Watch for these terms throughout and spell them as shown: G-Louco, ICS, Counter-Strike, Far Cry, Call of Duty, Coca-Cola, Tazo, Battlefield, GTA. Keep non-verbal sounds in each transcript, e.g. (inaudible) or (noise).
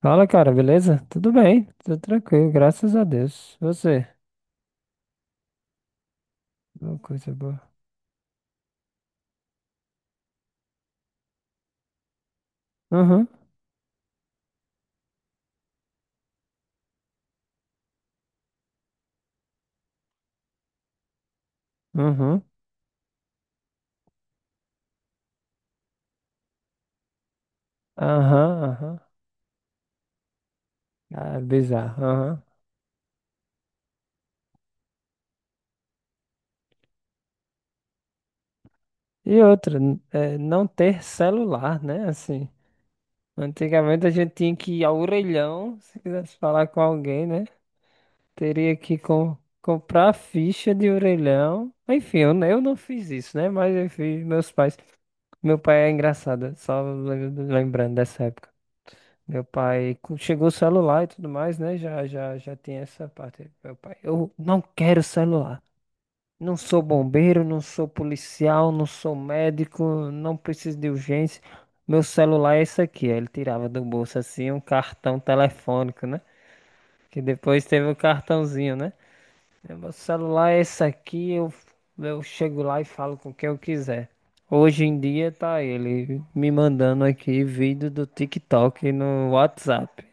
Fala, cara, beleza? Tudo bem, tudo tranquilo, graças a Deus. Você? Uma coisa boa. Aham, aham, aham, aham. Ah, bizarro, aham. E outra, é, não ter celular, né? Assim, antigamente a gente tinha que ir ao orelhão, se quisesse falar com alguém, né? Teria que comprar ficha de orelhão. Enfim, eu não fiz isso, né? Mas eu fiz, meus pais. Meu pai é engraçado, só lembrando dessa época. Meu pai chegou o celular e tudo mais, né? Já tem essa parte. Meu pai, eu não quero celular. Não sou bombeiro, não sou policial, não sou médico, não preciso de urgência. Meu celular é esse aqui. Aí ele tirava do bolso assim um cartão telefônico, né? Que depois teve o cartãozinho, né? É, meu celular é esse aqui, eu chego lá e falo com quem eu quiser. Hoje em dia tá ele me mandando aqui vídeo do TikTok no WhatsApp.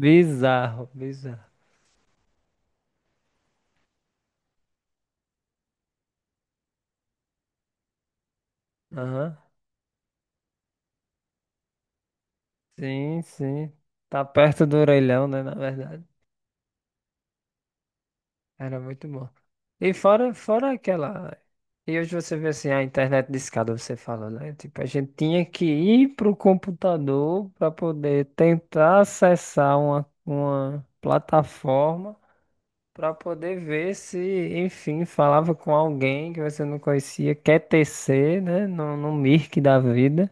Bizarro, bizarro. Aham. Sim, sim. Tá perto do orelhão, né? Na verdade. Era muito bom. E fora aquela. E hoje você vê assim, a internet discada, você fala, né? Tipo, a gente tinha que ir pro computador para poder tentar acessar uma plataforma para poder ver se, enfim, falava com alguém que você não conhecia, QTC, né? No Mirk da vida.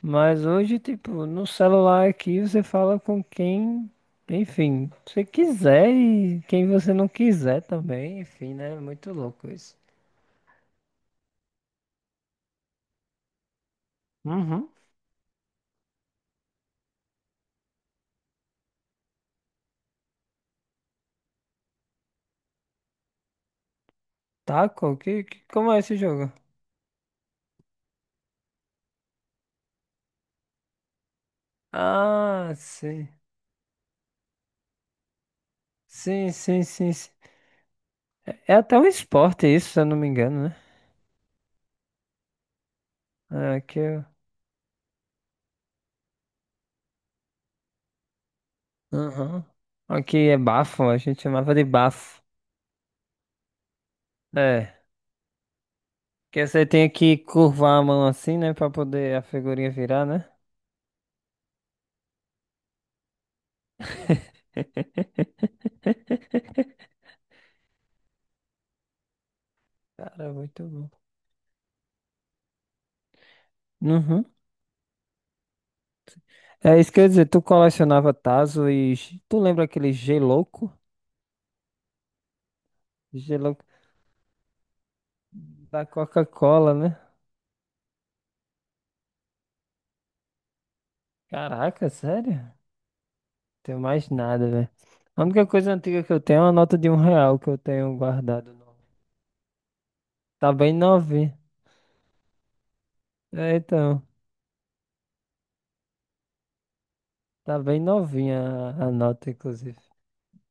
Mas hoje, tipo, no celular aqui você fala com quem, enfim, você quiser e quem você não quiser também, enfim, né? Muito louco isso. Uhum. Taco? Como é esse jogo? Ah, sim. Sim, sim, sim, sim. É até um esporte isso, se eu não me engano, né? É, aqui. Aham. Aqui é bafo, a gente chamava de bafo. É, que você tem que curvar a mão assim, né, pra poder a figurinha virar, né? Cara, muito bom. Uhum. É isso que eu ia dizer, tu colecionava Tazo. Tu lembra aquele G-Louco? G-Louco da Coca-Cola, né? Caraca, sério? Não tenho mais nada, velho. A única coisa antiga que eu tenho é uma nota de R$ 1 que eu tenho guardado. Tá bem novinha. É, então. Tá bem novinha a nota, inclusive.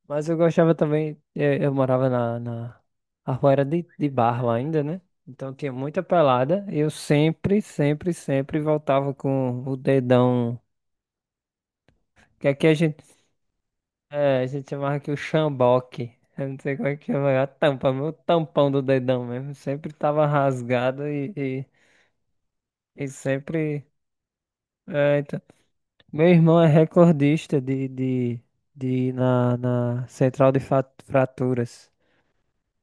Mas eu gostava também. Eu morava na. A rua era de barro ainda, né? Então tinha muita pelada. Eu sempre, sempre, sempre voltava com o dedão. Que aqui a gente é, a gente chamava que o chamboque. Eu não sei como é que chama. A tampa, meu tampão do dedão mesmo. Sempre tava rasgado e sempre. É, então. Meu irmão é recordista de ir na central de fraturas.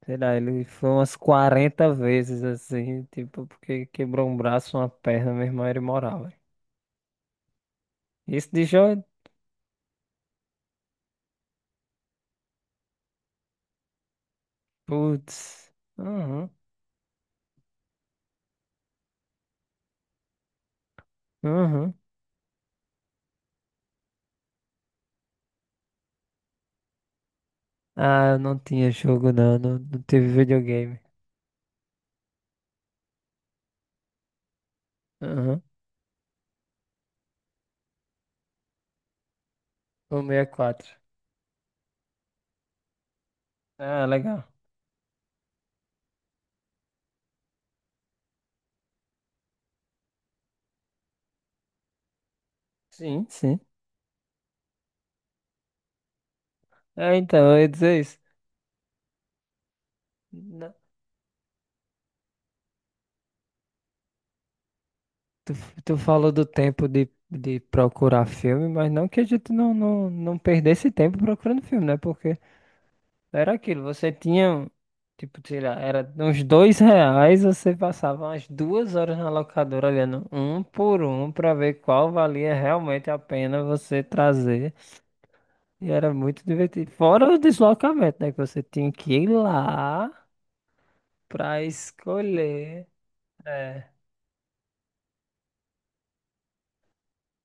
Sei lá, ele foi umas 40 vezes assim, tipo, porque quebrou um braço, uma perna, meu irmão era imoral, velho. Isso de jogo. Putz. Uhum, uhum. Ah, eu não tinha jogo não, não, não teve videogame. O 64. Ah, legal. Sim, sim. É, então, eu ia dizer isso. Na- Tu, tu falou do tempo de procurar filme, mas não que a gente não, não, não perdesse tempo procurando filme, né? Porque era aquilo, você tinha, um, tipo, sei lá, era uns R$ 2, você passava umas 2 horas na locadora olhando um por um pra ver qual valia realmente a pena você trazer. E era muito divertido. Fora o deslocamento, né? Que você tinha que ir lá. Pra escolher. É.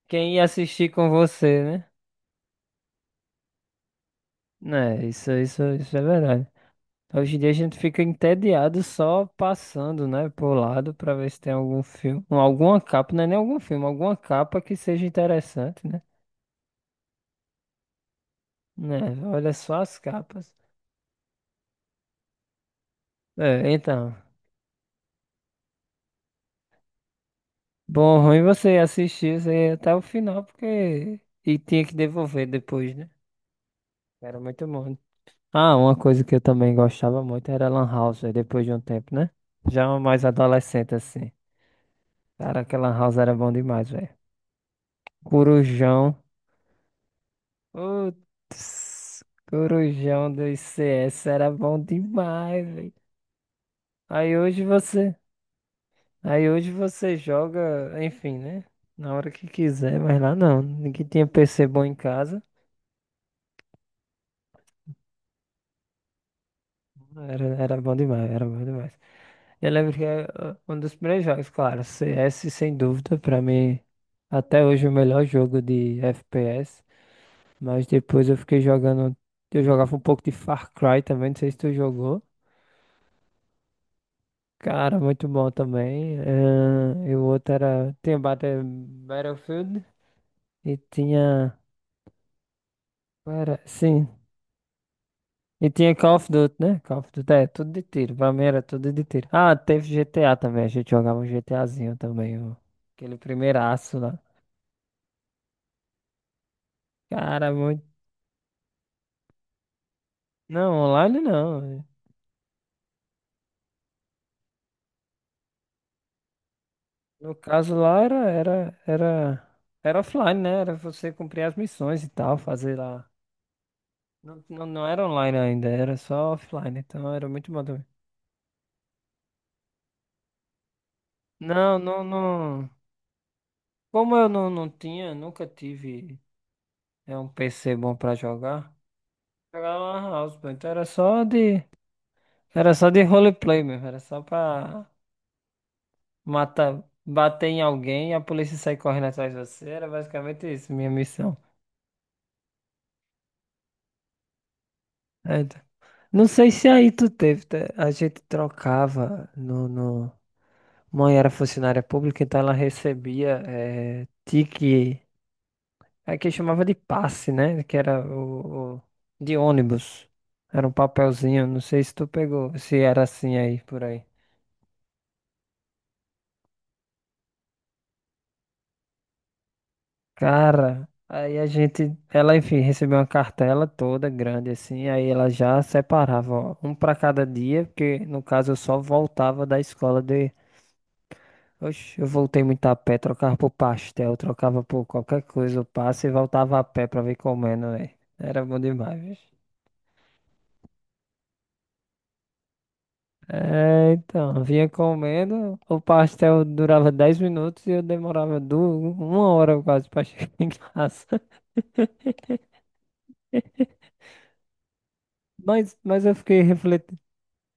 Quem ia assistir com você, né? Né, isso é verdade. Hoje em dia a gente fica entediado só passando, né, por lado pra ver se tem algum filme, ou alguma capa, não é nem algum filme, alguma capa que seja interessante, né? Né, olha só as capas. É, então, bom, ruim você assistir isso aí até o final, porque... E tinha que devolver depois, né? Era muito bom. Ah, uma coisa que eu também gostava muito era Lan House, véi, depois de um tempo, né? Já mais adolescente, assim. Cara, aquela Lan House era bom demais, velho. Corujão. Putz, Corujão do ICS era bom demais, velho. Aí hoje você. Aí hoje você joga, enfim, né? Na hora que quiser, mas lá não. Ninguém tinha PC bom em casa. Era bom demais, era bom demais. Eu lembro que é um dos primeiros jogos, claro, CS sem dúvida, pra mim, até hoje o melhor jogo de FPS, mas depois eu fiquei jogando, eu jogava um pouco de Far Cry também, não sei se tu jogou. Cara, muito bom também. E o outro era, tinha Battlefield e tinha, qual era, sim, e tinha Call of Duty, né? Call of Duty, é, tudo de tiro. Pra mim era tudo de tiro. Ah, teve GTA também. A gente jogava um GTAzinho também. Aquele primeiraço lá. Cara, muito. Não, online não. É. No caso lá era offline, né? Era você cumprir as missões e tal, fazer lá. Não, não, não era online ainda, era só offline. Então era muito bom também. Não, não, não. Como eu não, não tinha, nunca tive é um PC bom pra jogar. Jogava na Lan House, pô. Então era só de. Era só de roleplay mesmo, era só pra matar, bater em alguém e a polícia sair correndo atrás de você. Era basicamente isso, minha missão. É, então. Não sei se aí tu teve, tá? A gente trocava no. Mãe era funcionária pública, então ela recebia é, tique, aqui chamava de passe, né? Que era de ônibus. Era um papelzinho, não sei se tu pegou, se era assim aí por aí. Cara, aí a gente, ela, enfim, recebeu uma cartela toda grande assim, aí ela já separava, ó, um pra cada dia, porque no caso eu só voltava da escola de, oxe, eu voltei muito a pé, trocava por pastel, trocava por qualquer coisa, eu passo e voltava a pé pra vir comendo, velho. Era bom demais, bicho. É, então, vinha comendo, o pastel durava 10 minutos e eu demorava uma hora quase pra (laughs) chegar em casa. (laughs) Mas eu fiquei refletindo.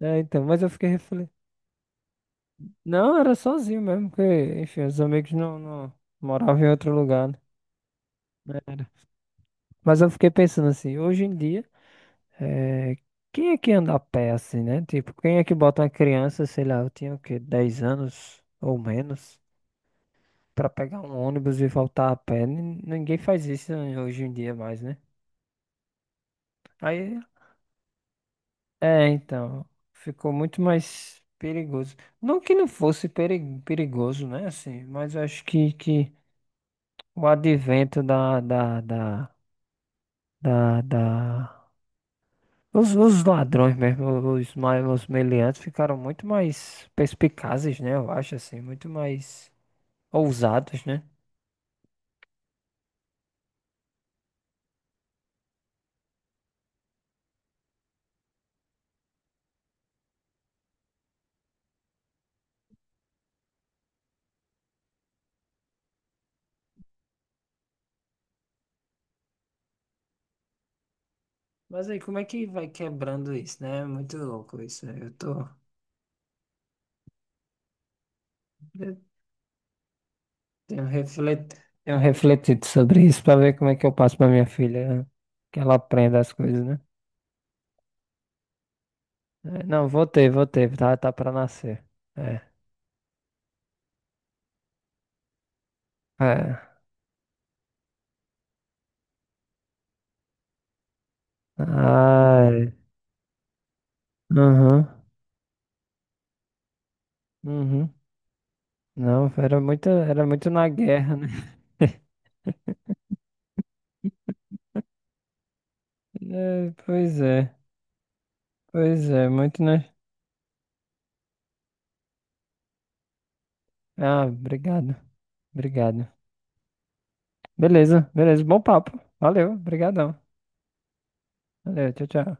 É, então, mas eu fiquei. Não, era sozinho mesmo, porque, enfim, os amigos não, não moravam em outro lugar, né? Era. Mas eu fiquei pensando assim, hoje em dia, eh, quem é que anda a pé assim, né? Tipo, quem é que bota uma criança, sei lá, eu tinha o quê, 10 anos ou menos, pra pegar um ônibus e voltar a pé? Ninguém faz isso hoje em dia mais, né? Aí, é, então, ficou muito mais perigoso. Não que não fosse perigoso, né? Assim, mas eu acho que o advento da. Os ladrões mesmo, os meliantes ficaram muito mais perspicazes, né? Eu acho assim, muito mais ousados, né? Mas aí, como é que vai quebrando isso, né? É muito louco isso, né? Eu tô... Eu tenho reflet... tenho refletido sobre isso pra ver como é que eu passo pra minha filha que ela aprenda as coisas, né? É, não, voltei, voltei, tá, pra nascer. É, é. Ai, uhum, uhum. Não, era muito na guerra, né? (laughs) É, pois é, pois é, muito, né? Ah, obrigado, obrigado. Beleza, beleza, bom papo. Valeu, obrigadão. Valeu, tchau, tchau.